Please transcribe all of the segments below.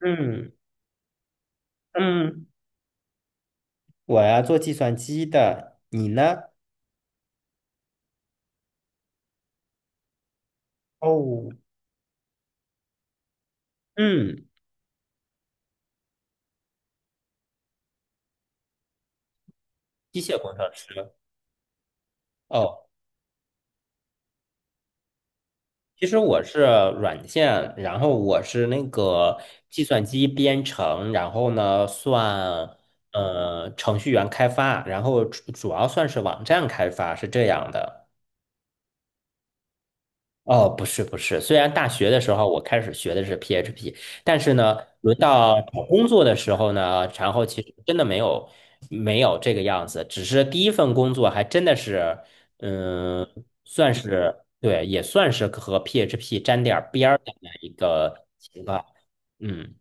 嗯嗯，我呀做计算机的，你呢？哦，嗯，机械工程师。哦，其实我是软件，然后我是那个计算机编程，然后呢算程序员开发，然后主要算是网站开发，是这样的。哦，不是，虽然大学的时候我开始学的是 PHP，但是呢，轮到找工作的时候呢，然后其实真的没有这个样子，只是第一份工作还真的是，嗯，算是对，也算是和 PHP 沾点儿边儿的那一个情况。嗯，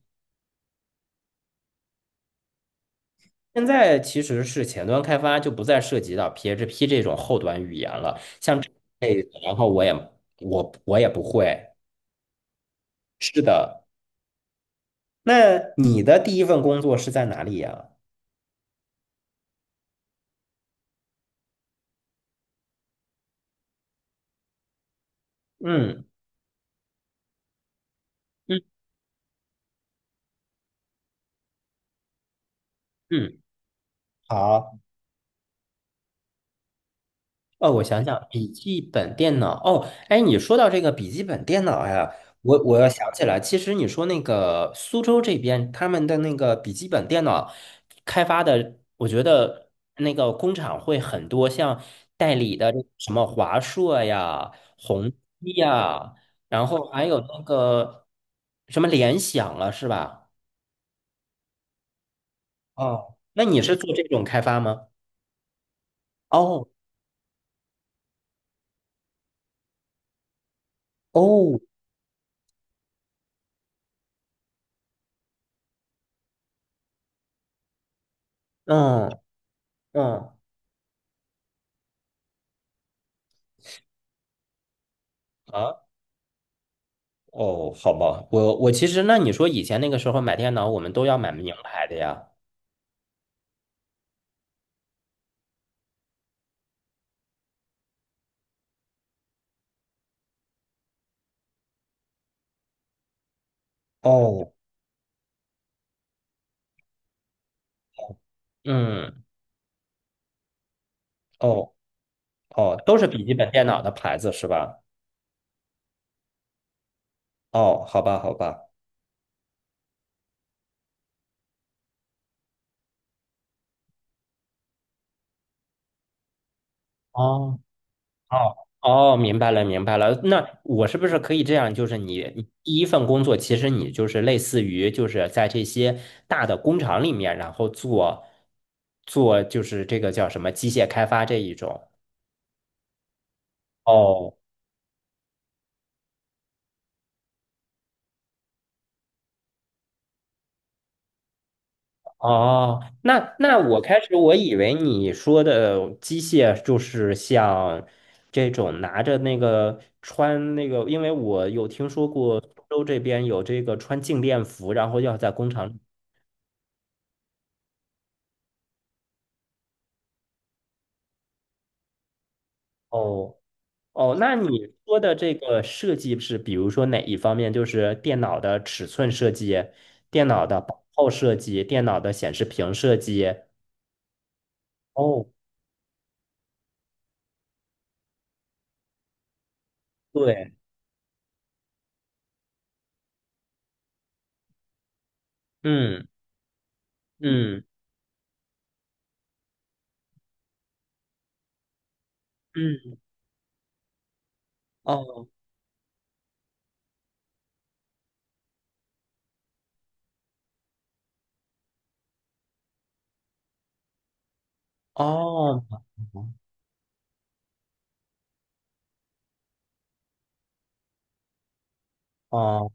现在其实是前端开发就不再涉及到 PHP 这种后端语言了，像这类的然后我也我也不会，是的。那你的第一份工作是在哪里呀？嗯嗯嗯，好。哦，我想想，笔记本电脑。哦，哎，你说到这个笔记本电脑呀，我要想起来，其实你说那个苏州这边他们的那个笔记本电脑开发的，我觉得那个工厂会很多，像代理的这个什么华硕呀、宏基呀，然后还有那个什么联想了，是吧？哦，那你是做这种开发吗？哦哦，嗯嗯啊哦，好吧，我其实那你说以前那个时候买电脑，我们都要买名牌的呀。哦，嗯，哦哦，都是笔记本电脑的牌子是吧？哦，好吧，好吧。哦。哦哦，明白了，明白了。那我是不是可以这样？就是你第一份工作，其实你就是类似于就是在这些大的工厂里面，然后做就是这个叫什么机械开发这一种。哦哦，那那我开始我以为你说的机械就是像这种拿着那个穿那个，因为我有听说过苏州这边有这个穿静电服，然后要在工厂里。哦哦，那你说的这个设计是，比如说哪一方面？就是电脑的尺寸设计、电脑的薄厚设计、电脑的显示屏设计。哦，对，嗯嗯嗯，哦哦哦。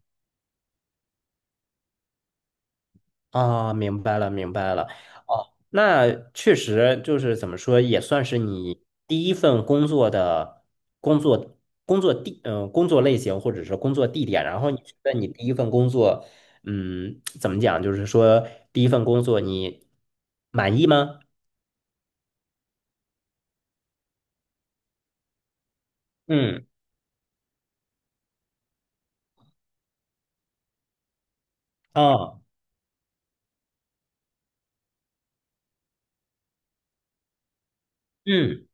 啊，明白了，明白了。哦，那确实就是怎么说，也算是你第一份工作的工作地，嗯、工作类型或者是工作地点。然后你觉得你第一份工作，嗯，怎么讲？就是说第一份工作你满意吗？嗯，啊，嗯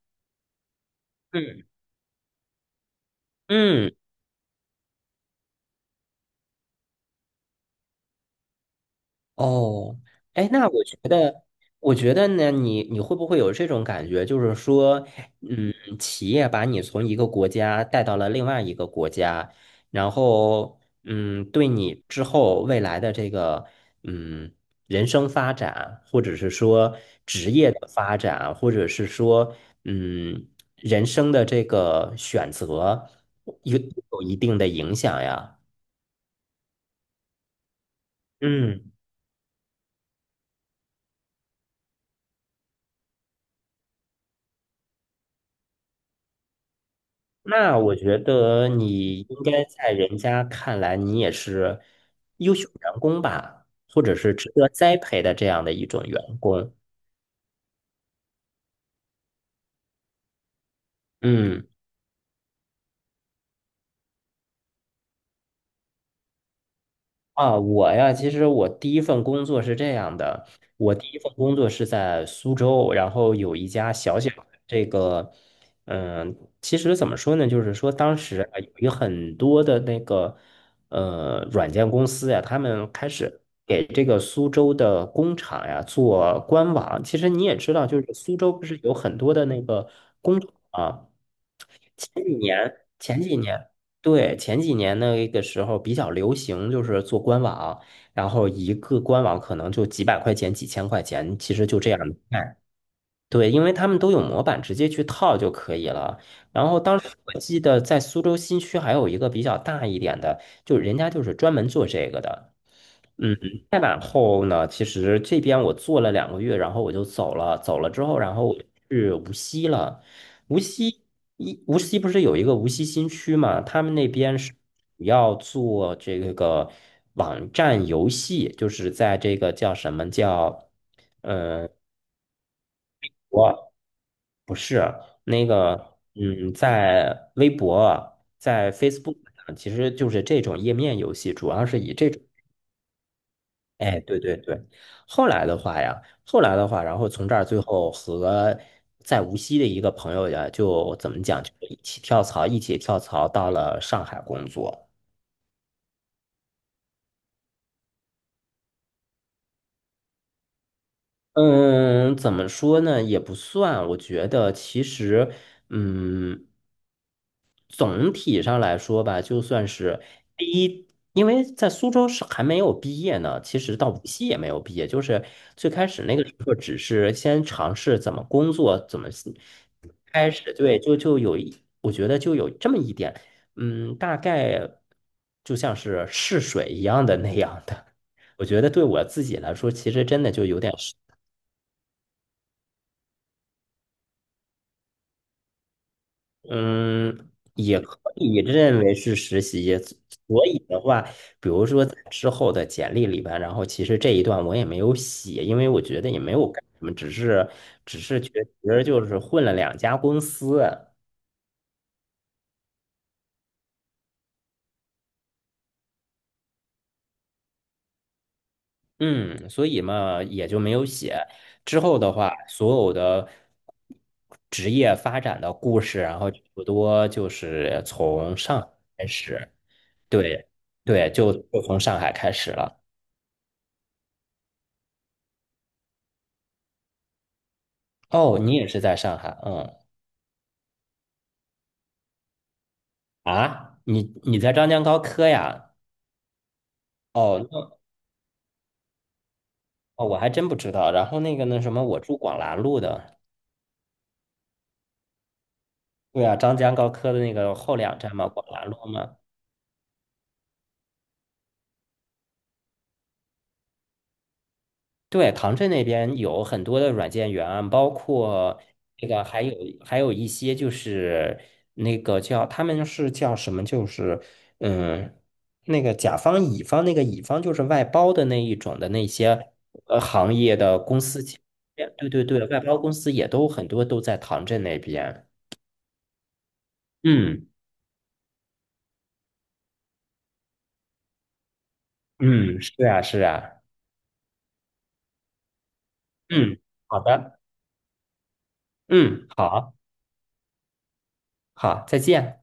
嗯嗯。哦，哎，那我觉得，我觉得呢，你会不会有这种感觉，就是说，嗯，企业把你从一个国家带到了另外一个国家，然后，嗯，对你之后未来的这个，嗯，人生发展，或者是说职业的发展，或者是说，嗯，人生的这个选择，有有一定的影响呀。嗯。那我觉得你应该在人家看来，你也是优秀员工吧，或者是值得栽培的这样的一种员工。嗯。啊，我呀，其实我第一份工作是这样的，我第一份工作是在苏州，然后有一家小小的这个，嗯，其实怎么说呢，就是说当时啊，有很多的那个软件公司呀，他们开始给这个苏州的工厂呀做官网。其实你也知道，就是苏州不是有很多的那个工厂啊。前几年，对，前几年那个时候比较流行，就是做官网，然后一个官网可能就几百块钱、几千块钱，其实就这样卖。对，因为他们都有模板，直接去套就可以了。然后当时我记得在苏州新区还有一个比较大一点的，就人家就是专门做这个的。嗯，再往后呢，其实这边我做了两个月，然后我就走了。走了之后，然后我就去无锡了。无锡无锡不是有一个无锡新区嘛？他们那边是主要做这个网站游戏，就是在这个叫什么叫嗯呃我那个在微博、在 Facebook 上，其实就是这种页面游戏，主要是以这种。哎，对对对，后来的话，然后从这儿最后和在无锡的一个朋友呀，就怎么讲，就一起跳槽，一起跳槽到了上海工作。嗯，怎么说呢，也不算，我觉得其实，嗯，总体上来说吧，就算是第一。因为在苏州是还没有毕业呢，其实到无锡也没有毕业，就是最开始那个时候只是先尝试怎么工作，怎么开始对，就有一，我觉得就有这么一点，嗯，大概就像是试水一样的那样的。我觉得对我自己来说，其实真的就有点是嗯，也可以认为是实习。所以的话，比如说在之后的简历里边，然后其实这一段我也没有写，因为我觉得也没有干什么，只是觉得就是混了两家公司。嗯，所以嘛，也就没有写。之后的话，所有的职业发展的故事，然后差不多就是从上海开始。对，对，就从上海开始了。哦，你也是在上海，嗯啊，你你在张江高科呀？哦，那哦我还真不知道。然后那个那什么，我住广兰路的。对啊，张江高科的那个后两站嘛，广兰路嘛。对，唐镇那边有很多的软件园，包括那个还有一些就是那个叫他们是叫什么，就是嗯，那个甲方乙方那个乙方就是外包的那一种的那些行业的公司，对对对，外包公司也都很多都在唐镇那边。嗯嗯，是啊是啊，嗯，好的，嗯，好好，再见。